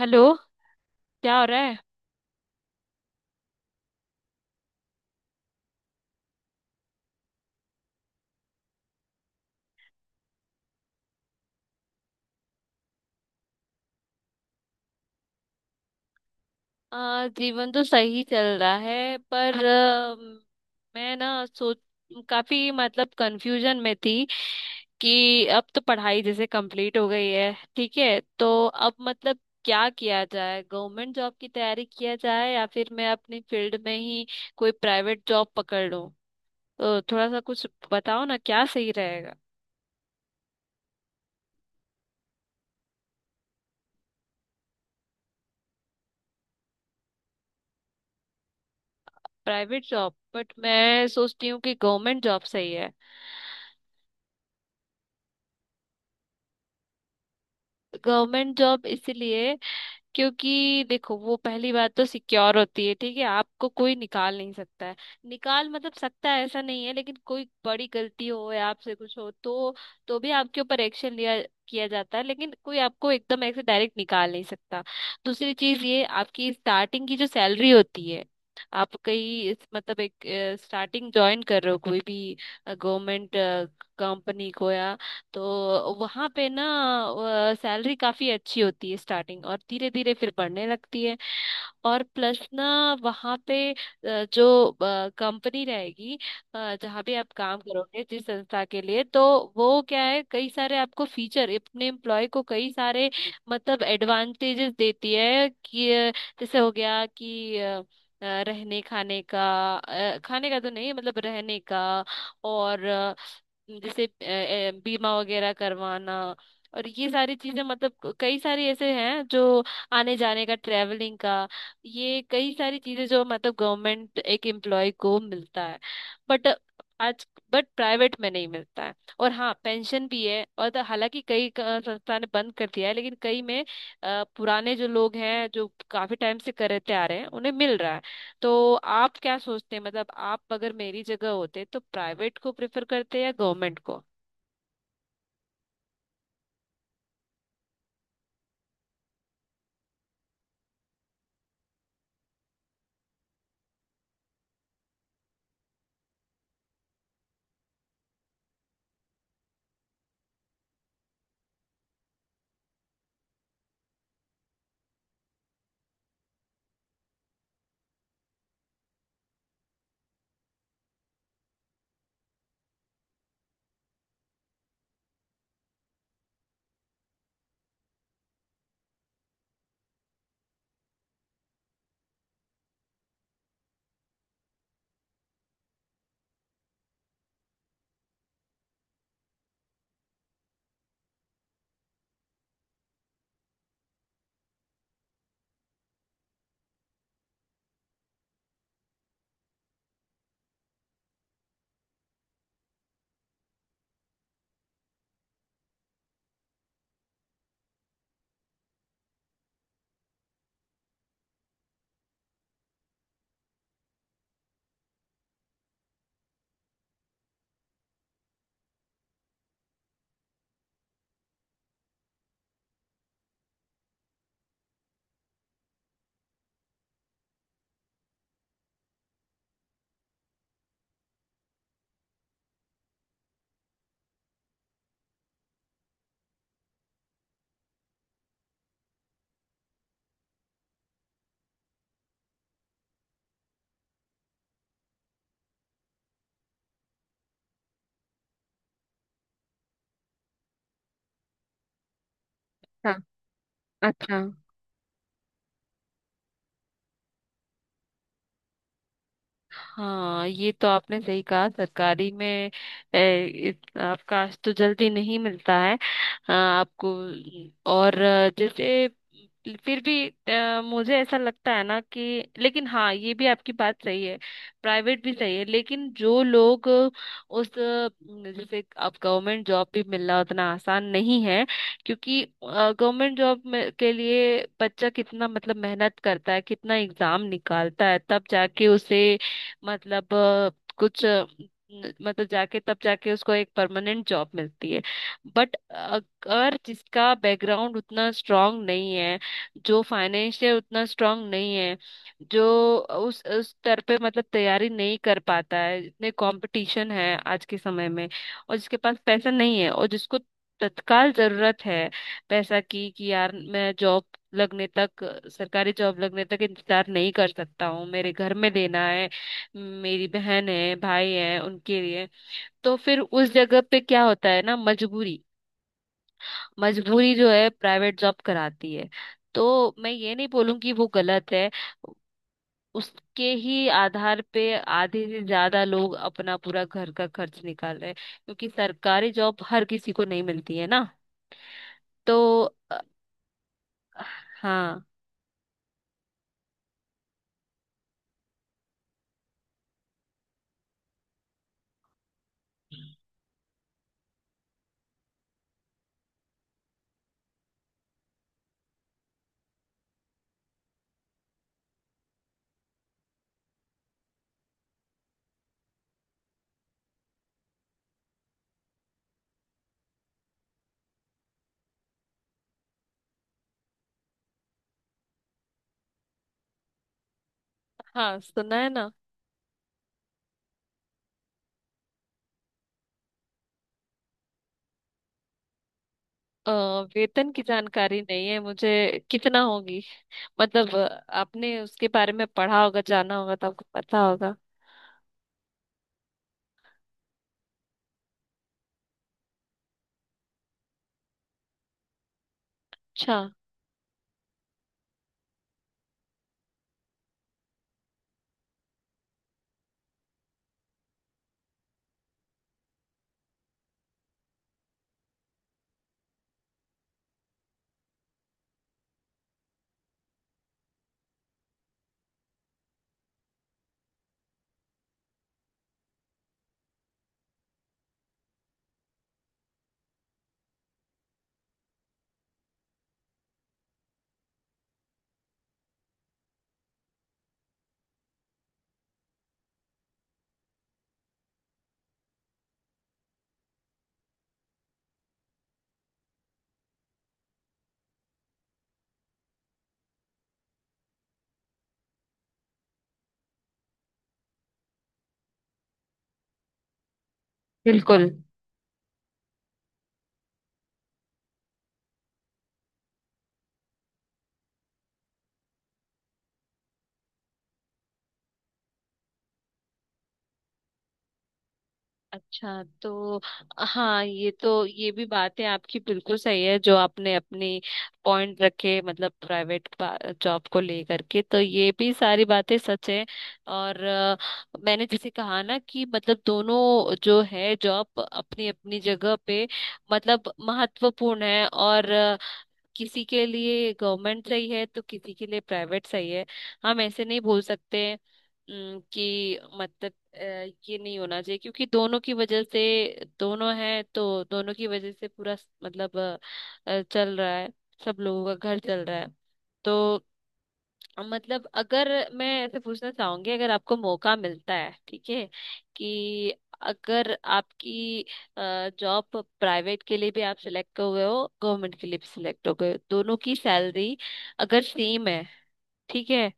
Hello. क्या हो रहा है? जीवन तो सही चल रहा है पर, मैं ना सोच काफी मतलब कंफ्यूजन में थी कि अब तो पढ़ाई जैसे कंप्लीट हो गई है, ठीक है। तो अब मतलब क्या किया जाए, गवर्नमेंट जॉब की तैयारी किया जाए या फिर मैं अपनी फील्ड में ही कोई प्राइवेट जॉब पकड़ लूं। तो थोड़ा सा कुछ बताओ ना, क्या सही रहेगा। प्राइवेट जॉब, बट मैं सोचती हूँ कि गवर्नमेंट जॉब सही है। गवर्नमेंट जॉब इसलिए क्योंकि देखो, वो पहली बात तो सिक्योर होती है, ठीक है, आपको कोई निकाल नहीं सकता है। निकाल मतलब सकता है ऐसा नहीं है, लेकिन कोई बड़ी गलती हो या आपसे कुछ हो तो भी आपके ऊपर एक्शन लिया किया जाता है, लेकिन कोई आपको एकदम ऐसे डायरेक्ट निकाल नहीं सकता। दूसरी चीज ये आपकी स्टार्टिंग की जो सैलरी होती है, आप कहीं मतलब एक स्टार्टिंग ज्वाइन कर रहे हो कोई भी गवर्नमेंट कंपनी को, तो वहां पे ना सैलरी काफी अच्छी होती है स्टार्टिंग, और धीरे धीरे फिर बढ़ने लगती है। और प्लस ना वहाँ पे, जो कंपनी रहेगी, जहाँ पे आप काम करोगे, जिस संस्था के लिए, तो वो क्या है, कई सारे आपको फीचर, अपने एम्प्लॉय को कई सारे मतलब एडवांटेजेस देती है कि जैसे हो गया कि रहने खाने का, खाने का तो नहीं मतलब रहने का। और जैसे बीमा वगैरह करवाना, और ये सारी चीजें, मतलब कई सारी ऐसे हैं जो आने जाने का, ट्रेवलिंग का, ये कई सारी चीजें जो मतलब गवर्नमेंट एक एम्प्लॉय को मिलता है। बट आज बट प्राइवेट में नहीं मिलता है। और हाँ, पेंशन भी है, और तो हालांकि कई संस्था ने बंद कर दिया है लेकिन कई में पुराने जो लोग हैं जो काफी टाइम से करते आ रहे हैं उन्हें मिल रहा है। तो आप क्या सोचते हैं, मतलब आप अगर मेरी जगह होते तो प्राइवेट को प्रेफर करते या गवर्नमेंट को? हाँ, अच्छा। हाँ, ये तो आपने सही कहा, सरकारी में ए, आपका तो जल्दी नहीं मिलता है, आपको। और जैसे फिर भी मुझे ऐसा लगता है ना कि लेकिन हाँ ये भी आपकी बात सही है, प्राइवेट भी सही है। लेकिन जो लोग उस, जैसे अब गवर्नमेंट जॉब भी मिलना उतना आसान नहीं है, क्योंकि गवर्नमेंट जॉब में के लिए बच्चा कितना मतलब मेहनत करता है, कितना एग्जाम निकालता है तब जाके उसे मतलब अ, कुछ अ, न- मतलब जाके, तब जाके उसको एक परमानेंट जॉब मिलती है। बट अगर जिसका बैकग्राउंड उतना स्ट्रांग नहीं है, जो फाइनेंशियल उतना स्ट्रांग नहीं है, जो उस स्तर पे मतलब तैयारी नहीं कर पाता है, इतने कंपटीशन है आज के समय में, और जिसके पास पैसा नहीं है और जिसको तत्काल जरूरत है पैसा की कि यार मैं जॉब लगने तक, सरकारी जॉब लगने तक इंतजार नहीं कर सकता हूँ, मेरे घर में देना है, मेरी बहन है, भाई है उनके लिए, तो फिर उस जगह पे क्या होता है ना, मजबूरी। मजबूरी जो है प्राइवेट जॉब कराती है। तो मैं ये नहीं बोलूंगी वो गलत है, उसके ही आधार पे आधे से ज्यादा लोग अपना पूरा घर का खर्च निकाल रहे हैं, क्योंकि सरकारी जॉब हर किसी को नहीं मिलती है ना। तो अ, हाँ। हाँ, सुना है ना। अ, वेतन की जानकारी नहीं है मुझे, कितना होगी, मतलब आपने उसके बारे में पढ़ा होगा, जाना होगा, तो आपको पता होगा। अच्छा। बिल्कुल। अच्छा तो हाँ, ये तो ये भी बात है, आपकी बिल्कुल सही है, जो आपने अपनी पॉइंट रखे मतलब प्राइवेट जॉब को लेकर के, तो ये भी सारी बातें सच है। और मैंने जैसे कहा ना कि मतलब दोनों जो है जॉब अपनी अपनी जगह पे मतलब महत्वपूर्ण है, और किसी के लिए गवर्नमेंट सही है तो किसी के लिए प्राइवेट सही है। हम ऐसे नहीं बोल सकते कि मतलब अ, ये नहीं होना चाहिए, क्योंकि दोनों की वजह से, दोनों हैं तो दोनों की वजह से पूरा मतलब चल रहा है, सब लोगों का घर चल रहा है। तो मतलब अगर मैं ऐसे पूछना चाहूंगी, अगर आपको मौका मिलता है, ठीक है, कि अगर आपकी जॉब प्राइवेट के लिए भी आप सिलेक्ट हो गए हो, गवर्नमेंट के लिए भी सिलेक्ट हो गए हो, दोनों की सैलरी अगर सेम है, ठीक है,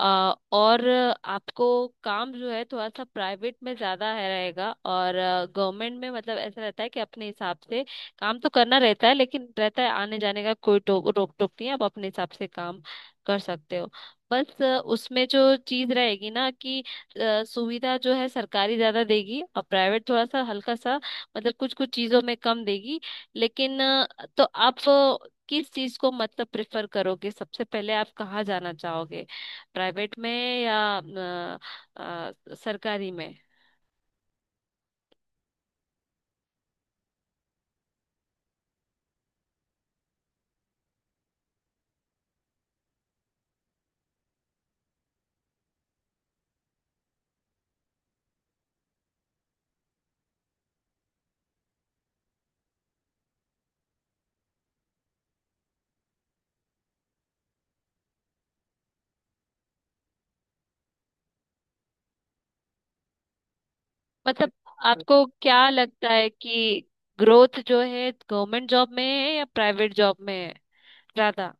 और आपको काम जो है थोड़ा सा प्राइवेट में ज्यादा है रहेगा, और गवर्नमेंट में मतलब ऐसा रहता है कि अपने हिसाब से काम तो करना रहता है, लेकिन रहता है, आने जाने का कोई टोक रोक टोक नहीं है, आप अपने हिसाब से काम कर सकते हो। बस उसमें जो चीज रहेगी ना कि सुविधा जो है सरकारी ज्यादा देगी और प्राइवेट थोड़ा सा हल्का सा मतलब कुछ कुछ चीजों में कम देगी। लेकिन तो आप किस चीज को मतलब प्रेफर करोगे, सबसे पहले आप कहाँ जाना चाहोगे, प्राइवेट में या सरकारी में? मतलब आपको क्या लगता है कि ग्रोथ जो है गवर्नमेंट जॉब में है या प्राइवेट जॉब में है ज्यादा?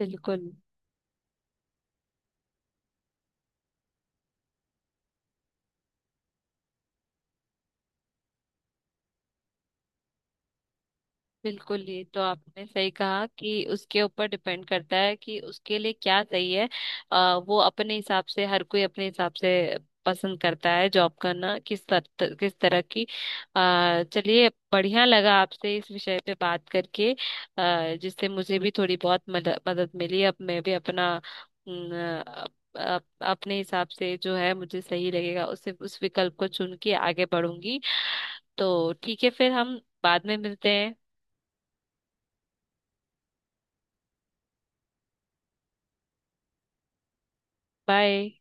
बिल्कुल। बिल्कुल ये तो आपने सही कहा कि उसके ऊपर डिपेंड करता है कि उसके लिए क्या सही है। वो अपने हिसाब से, हर कोई अपने हिसाब से पसंद करता है जॉब करना किस तरह की। चलिए, बढ़िया लगा आपसे इस विषय पे बात करके, जिससे मुझे भी थोड़ी बहुत मदद मदद मिली। अब मैं भी अपना न, अप- अप- अपने हिसाब से जो है मुझे सही लगेगा, उससे उस विकल्प को चुन के आगे बढ़ूंगी। तो ठीक है, फिर हम बाद में मिलते हैं। बाय।